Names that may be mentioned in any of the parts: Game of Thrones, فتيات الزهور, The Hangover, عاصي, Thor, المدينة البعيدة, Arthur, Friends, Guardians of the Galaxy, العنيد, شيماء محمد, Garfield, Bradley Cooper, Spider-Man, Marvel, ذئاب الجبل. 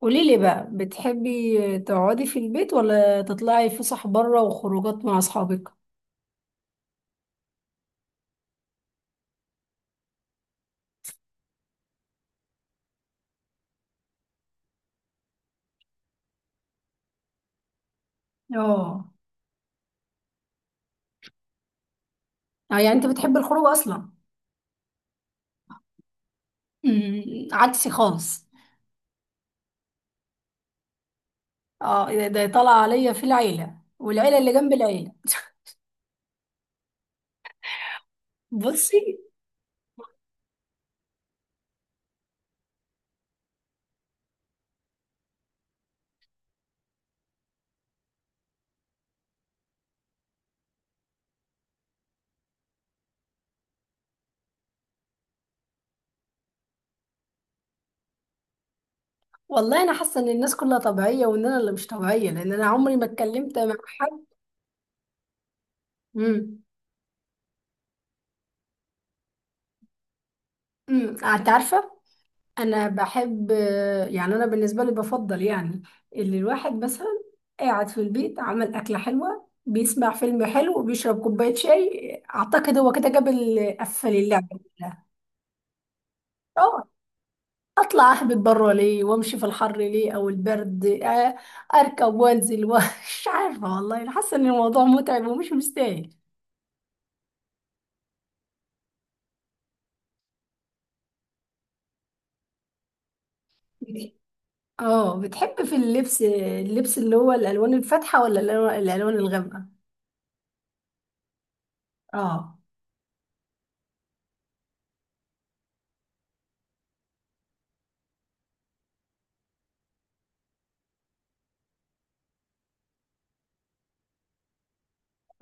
قولي لي بقى بتحبي تقعدي في البيت ولا تطلعي فسح بره وخروجات مع اصحابك؟ اه. آه، يعني انت بتحبي الخروج اصلا. أمم، عكسي خالص. اه، إيه، ده طلع عليا في العيله والعيله اللي جنب العيله. بصي، والله انا حاسه ان الناس كلها طبيعيه وان انا اللي مش طبيعيه لان انا عمري ما اتكلمت مع حد. امم انت عارفه، انا بحب، يعني انا بالنسبه لي بفضل، يعني اللي الواحد مثلا قاعد في البيت، عمل اكله حلوه، بيسمع فيلم حلو وبيشرب كوبايه شاي، اعتقد هو كده جاب قفل اللعبه كلها. اه، اطلع اهبط بره ليه؟ وامشي في الحر ليه او البرد؟ اركب وانزل ومش عارفه، والله أنا حاسه ان الموضوع متعب ومش مستاهل. اه، بتحب في اللبس اللي هو الالوان الفاتحه ولا الألوان الغامقه؟ اه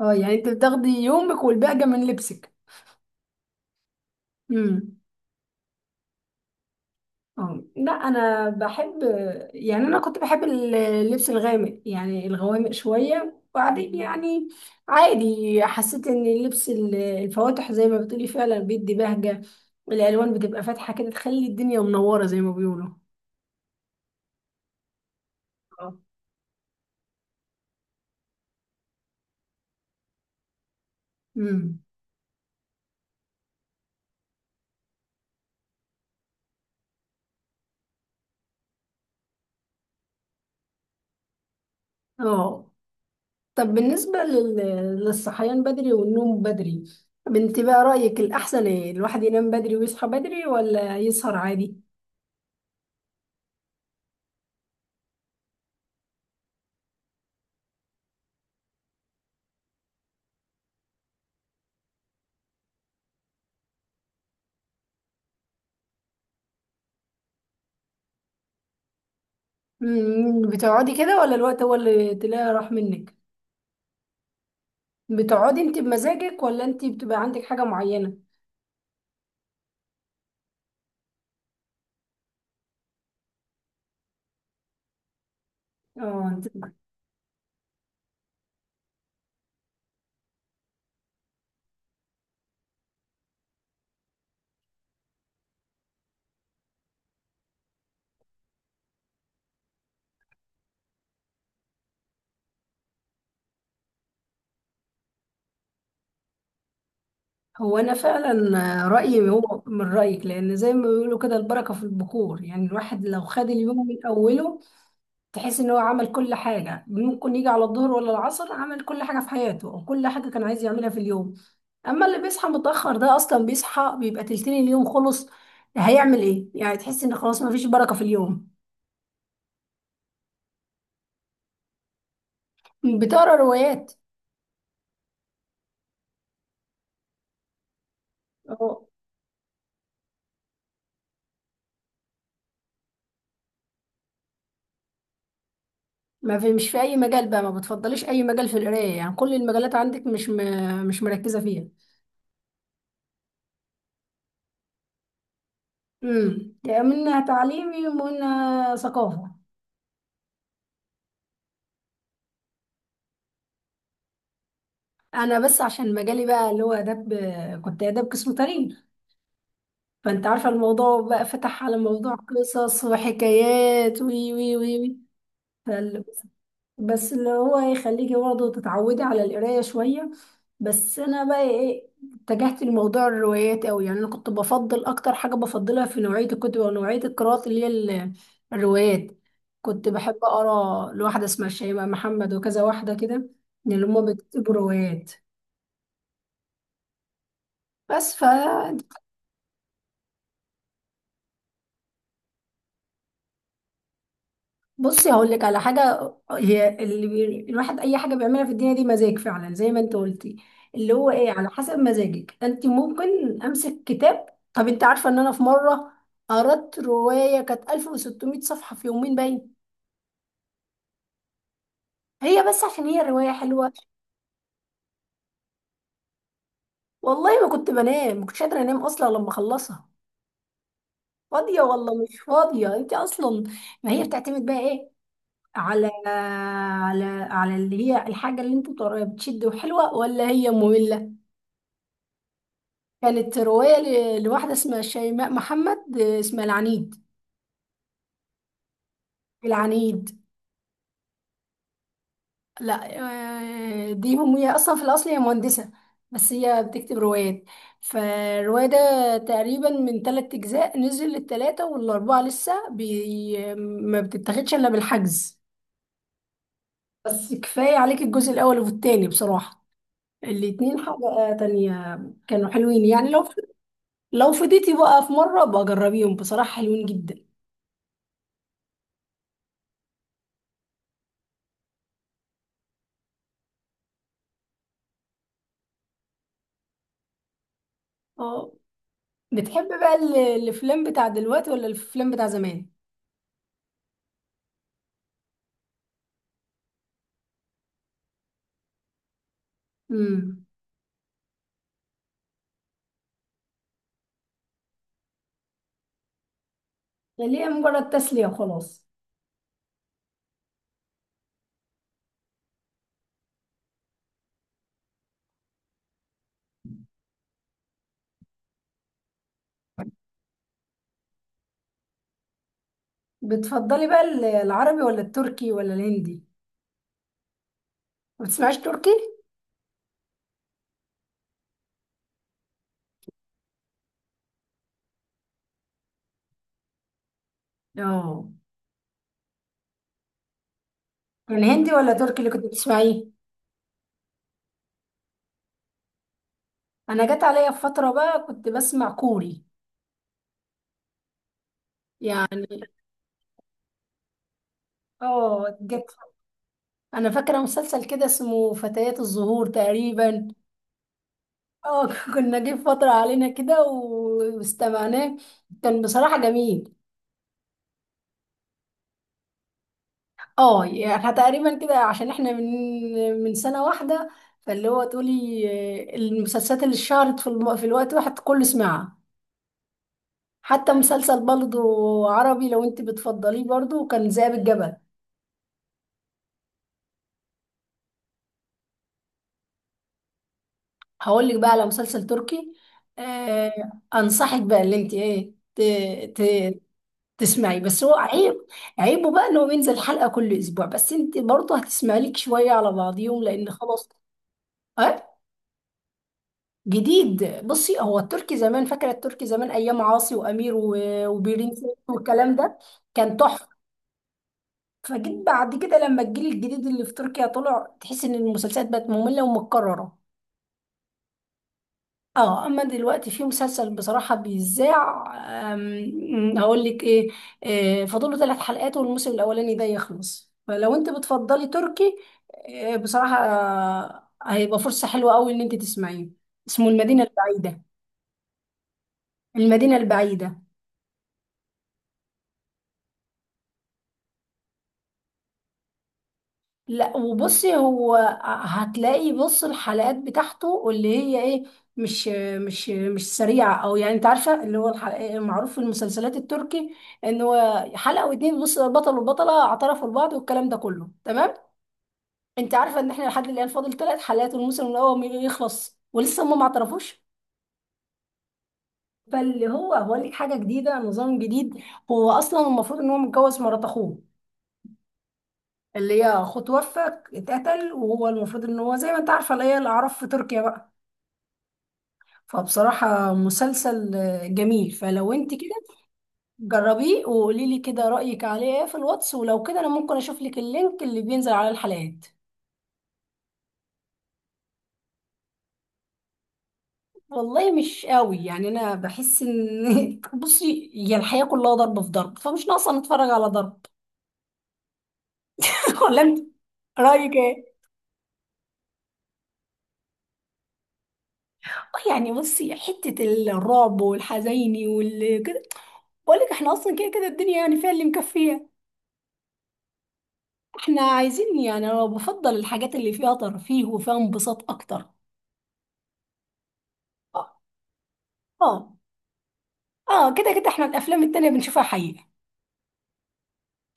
اه يعني انت بتاخدي يومك والباقي من لبسك. امم. اه لا، انا بحب، يعني انا كنت بحب اللبس الغامق، يعني الغوامق شويه، وبعدين يعني عادي. حسيت ان اللبس الفواتح زي ما بتقولي فعلا بيدي بهجه، الالوان بتبقى فاتحه كده تخلي الدنيا منوره زي ما بيقولوا. اه. امم. اه، طب بالنسبه للصحيان بدري والنوم بدري، بنت بقى رايك الاحسن ايه؟ الواحد ينام بدري ويصحى بدري ولا يسهر عادي؟ بتقعدي كده ولا الوقت هو اللي تلاقي راح منك؟ بتقعدي انت بمزاجك ولا انت بتبقى عندك حاجة معينة؟ اه، هو انا فعلا رأيي هو من رأيك، لان زي ما بيقولوا كده البركة في البخور، يعني الواحد لو خد اليوم من اوله تحس ان هو عمل كل حاجة، ممكن يجي على الظهر ولا العصر عمل كل حاجة في حياته او كل حاجة كان عايز يعملها في اليوم. اما اللي بيصحى متأخر ده اصلا بيصحى بيبقى تلتين اليوم خلص، هيعمل ايه؟ يعني تحس ان خلاص ما فيش بركة في اليوم. بتقرا روايات؟ اه، ما في مش في اي مجال بقى ما بتفضليش اي مجال في القرايه؟ يعني كل المجالات عندك، مش مركزه فيها. امم، يعني منها تعليمي ومنها ثقافه. انا بس عشان مجالي بقى اللي هو اداب، كنت اداب قسم تاريخ، فانت عارفه الموضوع بقى فتح على موضوع قصص وحكايات، وي وي وي وي. بس اللي هو يخليكي برضه تتعودي على القراية شوية. بس أنا بقى إيه، اتجهت لموضوع الروايات أوي، يعني أنا كنت بفضل أكتر حاجة بفضلها في نوعية الكتب أو نوعية القراءات اللي هي الروايات. كنت بحب أقرأ لواحدة اسمها شيماء محمد وكذا واحدة كده من اللي هما بيكتبوا روايات. بس بصي، هقول لك على حاجه، هي اللي الواحد اي حاجه بيعملها في الدنيا دي مزاج فعلا زي ما انت قلتي، اللي هو ايه على حسب مزاجك انت ممكن امسك كتاب. طب انت عارفه ان انا في مره قرأت روايه كانت 1600 صفحه في يومين باين، هي بس عشان هي روايه حلوه. والله ما كنت بنام، ما كنتش قادره انام اصلا لما اخلصها. فاضيه والله؟ مش فاضيه انت اصلا. ما هي بتعتمد بقى ايه، على على اللي هي الحاجه اللي انت بتقراها بتشد وحلوه ولا هي ممله. كانت رواية لواحدة اسمها شيماء محمد، اسمها العنيد. العنيد. لا، دي هم هي أصلا في الأصل هي مهندسة بس هي بتكتب روايات. فالرواية ده تقريبا من 3 أجزاء، نزل التلاتة والأربعة لسه بي، ما بتتاخدش إلا بالحجز. بس كفاية عليك الجزء الأول والتاني بصراحة، الاتنين حاجة تانية. كانوا حلوين، يعني لو فضيتي بقى في مرة بجربيهم، بصراحة حلوين جدا. اه، بتحب بقى الافلام بتاع دلوقتي ولا الافلام بتاع زمان؟ امم، اللي هي مجرد تسلية وخلاص. بتفضلي بقى العربي ولا التركي ولا الهندي؟ ما بتسمعيش تركي؟ اه، يعني هندي ولا تركي اللي كنت بتسمعيه؟ انا جت عليا في فترة بقى كنت بسمع كوري، يعني. اه، جت. انا فاكرة مسلسل كده اسمه فتيات الزهور تقريبا. اه كنا جه فترة علينا كده واستمعناه، كان بصراحة جميل. اه، يعني احنا تقريبا كده عشان احنا من سنة واحدة، فاللي هو تقولي آه، المسلسلات اللي اتشهرت في في الوقت واحد كله سمعها. حتى مسلسل برضه عربي لو انت بتفضليه برضه كان ذئاب الجبل. هقول لك بقى على مسلسل تركي. آه انصحك بقى اللي انت ايه ت... تسمعي، بس هو عيب. عيبه بقى ان هو بينزل حلقة كل اسبوع، بس انت برضه هتسمعي لك شوية على بعضيهم لان خلاص. اه جديد. بصي، هو التركي زمان، فاكره التركي زمان ايام عاصي وامير وبيرين سيف والكلام ده، كان تحفه. فجيت بعد كده لما الجيل الجديد اللي في تركيا طلع تحس ان المسلسلات بقت ممله ومتكرره. اه، اما دلوقتي في مسلسل بصراحه بيذاع، هقول لك ايه، فاضله 3 حلقات والموسم الاولاني ده يخلص، فلو انت بتفضلي تركي، بصراحه هيبقى فرصه حلوه قوي ان انت تسمعيه. اسمه المدينه البعيده. المدينه البعيده. لا وبصي، هو هتلاقي، بص، الحلقات بتاعته اللي هي ايه، مش مش سريعة، او يعني انت عارفة اللي هو الحلقة معروف في المسلسلات التركي ان هو حلقة واتنين بص البطل والبطلة اعترفوا لبعض والكلام ده كله، تمام. انت عارفة ان احنا لحد الان فاضل 3 حلقات والموسم الاول يخلص ولسه هم ما اعترفوش. فاللي هو هو ليه حاجة جديدة، نظام جديد. هو اصلا المفروض ان هو متجوز مرات اخوه، اللي هي اخوه توفى، اتقتل، وهو المفروض ان هو زي ما انت عارفه اللي هي الاعراف في تركيا بقى. فبصراحة مسلسل جميل، فلو انت كده جربيه وقولي لي كده رأيك عليه ايه في الواتس، ولو كده انا ممكن اشوف لك اللينك اللي بينزل على الحلقات. والله مش قوي، يعني انا بحس ان بصي، هي الحياة كلها ضرب في ضرب، فمش ناقصة نتفرج على ضرب. ولا انت رأيك ايه؟ اه، يعني بصي، حتة الرعب والحزيني والكده، بقول لك احنا اصلا كده كده الدنيا يعني فيها اللي مكفيه. احنا عايزين، يعني انا بفضل الحاجات اللي فيها ترفيه وفيها انبساط اكتر. اه. اه، كده كده احنا الافلام التانية بنشوفها حقيقة.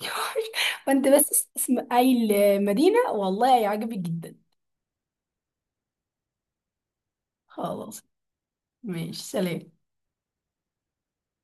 فانت بس اسم اي المدينة، والله هيعجبك جدا. خلاص، ماشي سلام.